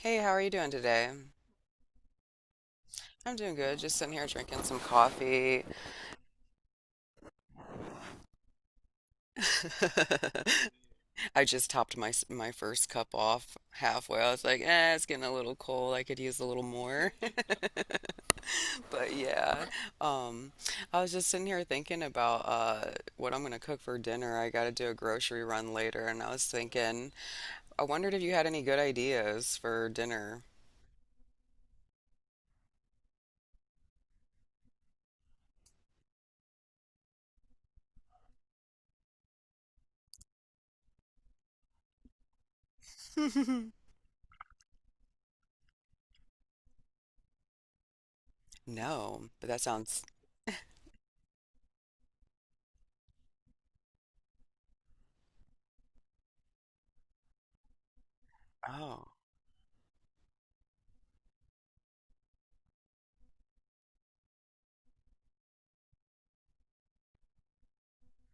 Hey, how are you doing today? I'm doing good. Just sitting here drinking some coffee. I just topped my first cup off halfway. I was like, eh, it's getting a little cold. I could use a little more. But yeah, um, I was just sitting here thinking about what I'm gonna cook for dinner. I gotta do a grocery run later, and I was thinking, I wondered if you had any good ideas for dinner. No, but that sounds. Oh.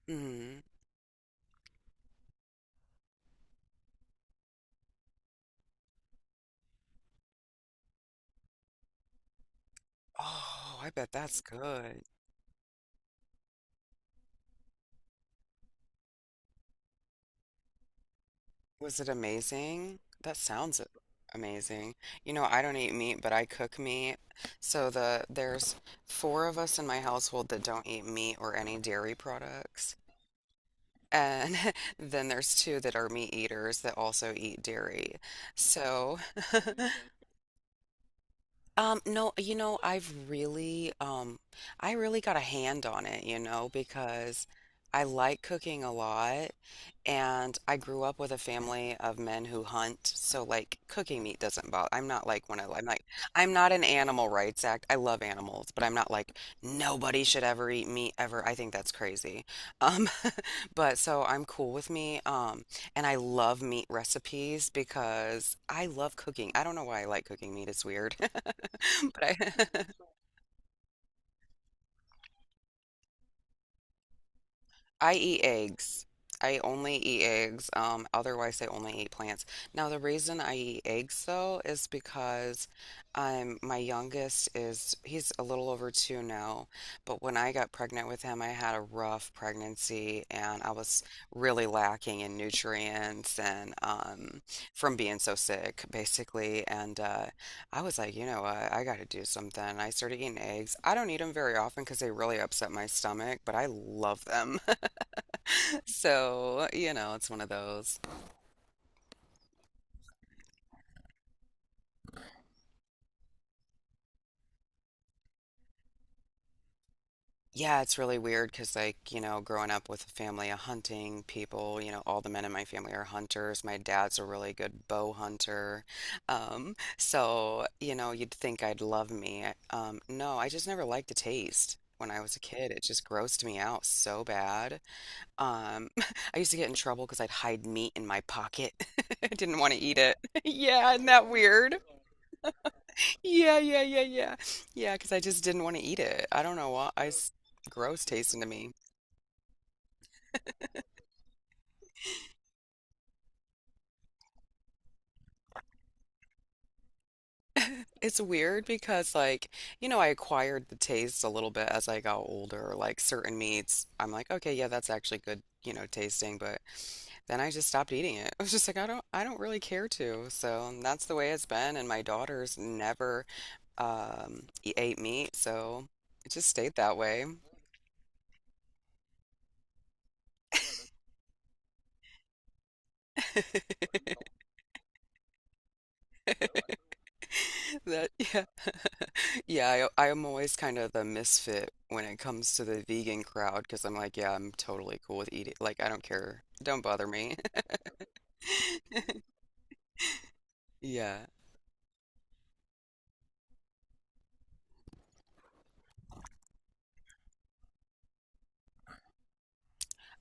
Mm-hmm. Oh, I bet that's good. Was it amazing? Amazing. You know, I don't eat meat, but I cook meat. So there's four of us in my household that don't eat meat or any dairy products. And then there's two that are meat eaters that also eat dairy. So no, you know, I really got a hand on it, you know, because I like cooking a lot and I grew up with a family of men who hunt. So like cooking meat doesn't bother. I'm not like one of, I'm like, I'm not an animal rights act. I love animals, but I'm not like nobody should ever eat meat ever. I think that's crazy. Um, but so I'm cool with me. And I love meat recipes because I love cooking. I don't know why I like cooking meat. It's weird. but I I eat eggs. I only eat eggs. Otherwise, I only eat plants. Now, the reason I eat eggs though is because my youngest is he's a little over two now, but when I got pregnant with him, I had a rough pregnancy and I was really lacking in nutrients and from being so sick, basically. And I was like, you know what, I got to do something. I started eating eggs. I don't eat them very often because they really upset my stomach, but I love them. So, you know, it's one of those. Yeah, it's really weird because, like, you know, growing up with a family of hunting people, you know, all the men in my family are hunters. My dad's a really good bow hunter. So, you know, you'd think I'd love me. No, I just never liked the taste. When I was a kid, it just grossed me out so bad. Um, I used to get in trouble because I'd hide meat in my pocket. I didn't want to eat it. Yeah, isn't that weird? Yeah, yeah, yeah, yeah. Yeah, because I just didn't want to eat it. I don't know why. Gross tasting to me. It's weird because, like, you know, I acquired the taste a little bit as I got older. Like, certain meats, I'm like, okay, yeah, that's actually good, you know, tasting. But then I just stopped eating it. I was just like, I don't really care to. So that's the way it's been. And my daughters never ate meat, so it just stayed that way. That, yeah. Yeah, I'm always kind of the misfit when it comes to the vegan crowd because I'm like, yeah, I'm totally cool with eating. Like, I don't care. Don't bother me. Yeah.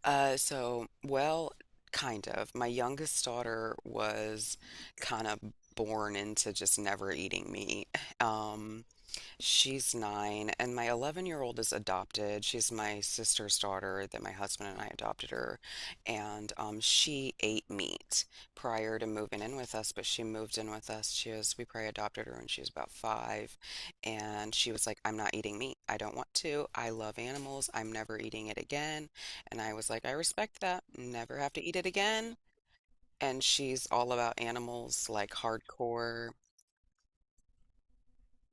So, well, kind of. My youngest daughter was kind of born into just never eating meat. Um, She's nine, and my 11-year-old is adopted. She's my sister's daughter that my husband and I adopted her. And she ate meat prior to moving in with us, but she moved in with us. We probably adopted her when she was about five. And she was like, I'm not eating meat. I don't want to. I love animals. I'm never eating it again. And I was like, I respect that. Never have to eat it again. And she's all about animals, like hardcore.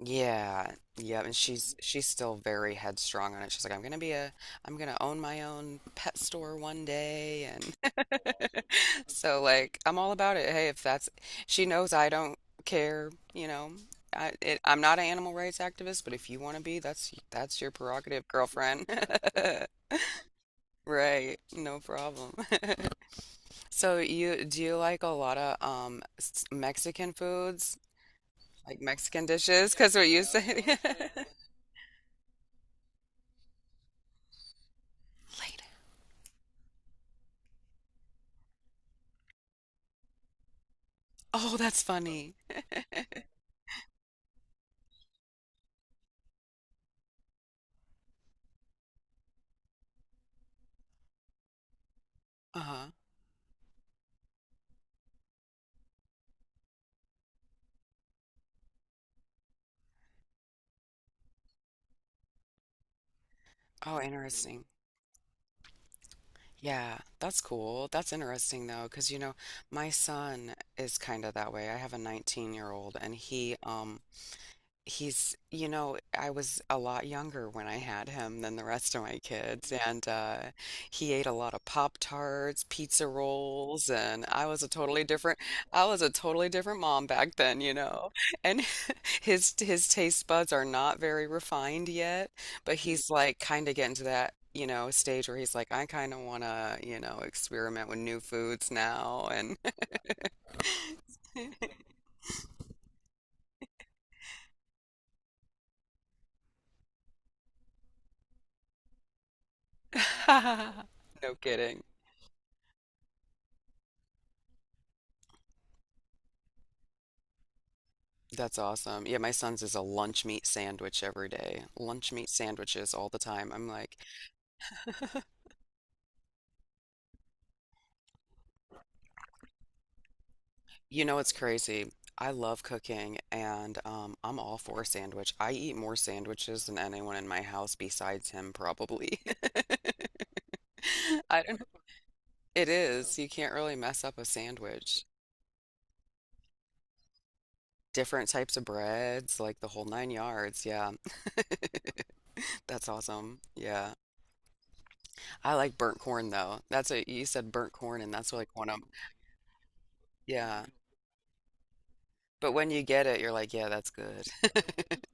Yeah, yeah, and she's still very headstrong on it. She's like, I'm gonna be a, I'm gonna own my own pet store one day, and so like I'm all about it. Hey, if that's, she knows I don't care, you know. I'm not an animal rights activist, but if you want to be, that's your prerogative, girlfriend. Right, no problem. So you do you like a lot of Mexican foods, like Mexican dishes? Because what you said. Oh, that's funny. Uh-huh. Oh, interesting. Yeah, that's cool. That's interesting though, because you know, my son is kind of that way. I have a 19-year-old and he he's, you know, I was a lot younger when I had him than the rest of my kids, and he ate a lot of Pop-Tarts, pizza rolls, and I was a totally different, I was a totally different mom back then, you know. And his taste buds are not very refined yet, but he's like kind of getting to that, you know, stage where he's like, I kind of want to, you know, experiment with new foods now, and no kidding. That's awesome. Yeah, my son's is a lunch meat sandwich every day. Lunch meat sandwiches all the time. I'm like, you know, it's crazy. I love cooking and I'm all for a sandwich. I eat more sandwiches than anyone in my house besides him, probably. I don't, it know. It is. You can't really mess up a sandwich. Different types of breads, like the whole nine yards. Yeah, that's awesome. Yeah. I like burnt corn though. That's a, you said burnt corn and that's like one of 'em. Yeah. But when you get it, you're like, yeah, that's good.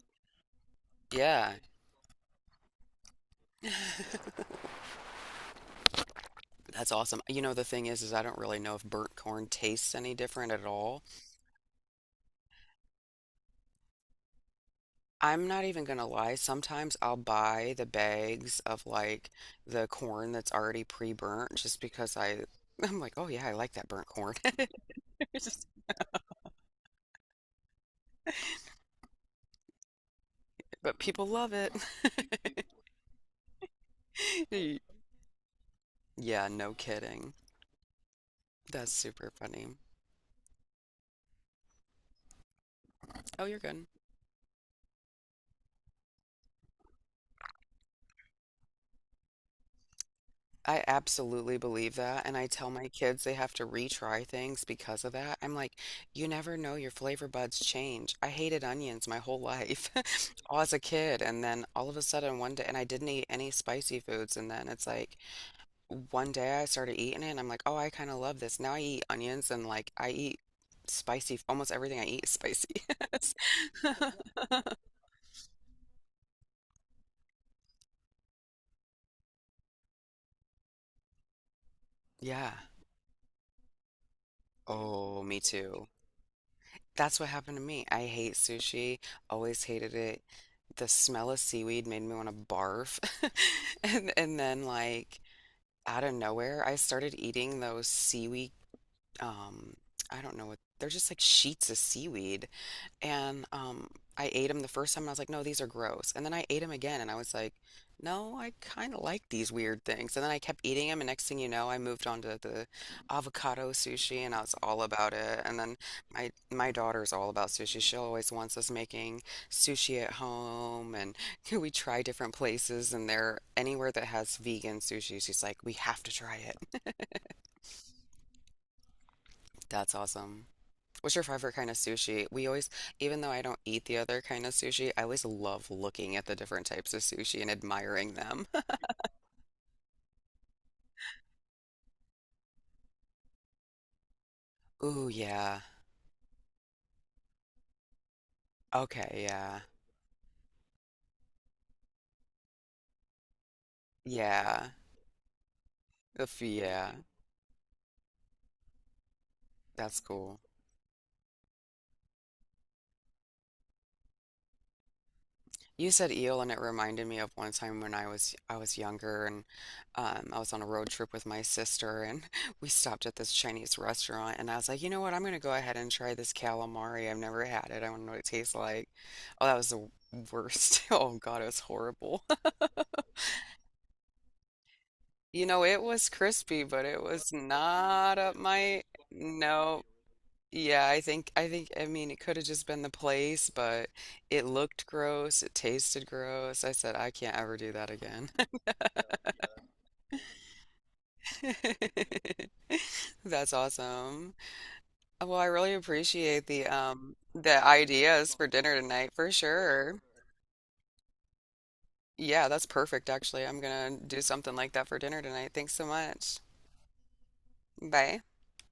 Yeah. That's awesome. You know, the thing is I don't really know if burnt corn tastes any different at all. I'm not even gonna lie. Sometimes I'll buy the bags of like the corn that's already pre-burnt just because I'm like, oh yeah, I like that burnt corn. Just- but people love it. Yeah, no kidding. That's super funny. Oh, you're good. I absolutely believe that, and I tell my kids they have to retry things because of that. I'm like, you never know, your flavor buds change. I hated onions my whole life all as a kid, and then all of a sudden one day, and I didn't eat any spicy foods, and then it's like one day I started eating it, and I'm like, oh, I kind of love this. Now I eat onions, and like I eat spicy, almost everything I eat is spicy. Yeah. Oh, me too. That's what happened to me. I hate sushi. Always hated it. The smell of seaweed made me want to barf. And then like out of nowhere, I started eating those seaweed um I don't know what they're just like sheets of seaweed and I ate them the first time and I was like, no, these are gross. And then I ate them again and I was like, no, I kind of like these weird things. And then I kept eating them. And next thing you know, I moved on to the avocado sushi and I was all about it. And then my daughter's all about sushi. She always wants us making sushi at home. And we try different places and they're anywhere that has vegan sushi, she's like, we have to try it. That's awesome. What's your favorite kind of sushi? We always, even though I don't eat the other kind of sushi, I always love looking at the different types of sushi and admiring them. Ooh, yeah. Okay, yeah. Yeah. The yeah. That's cool. You said eel and it reminded me of one time when I was younger and I was on a road trip with my sister and we stopped at this Chinese restaurant and I was like, you know what, I'm gonna go ahead and try this calamari. I've never had it. I want to know what it tastes like. Oh, that was the worst. Oh God, it was horrible. You know, it was crispy, but it was not up my no. Yeah, I think I mean it could have just been the place, but it looked gross, it tasted gross. I said I can't ever do that again. That's awesome. Well, I really appreciate the ideas for dinner tonight for sure. Yeah, that's perfect actually. I'm gonna do something like that for dinner tonight. Thanks so much. Bye.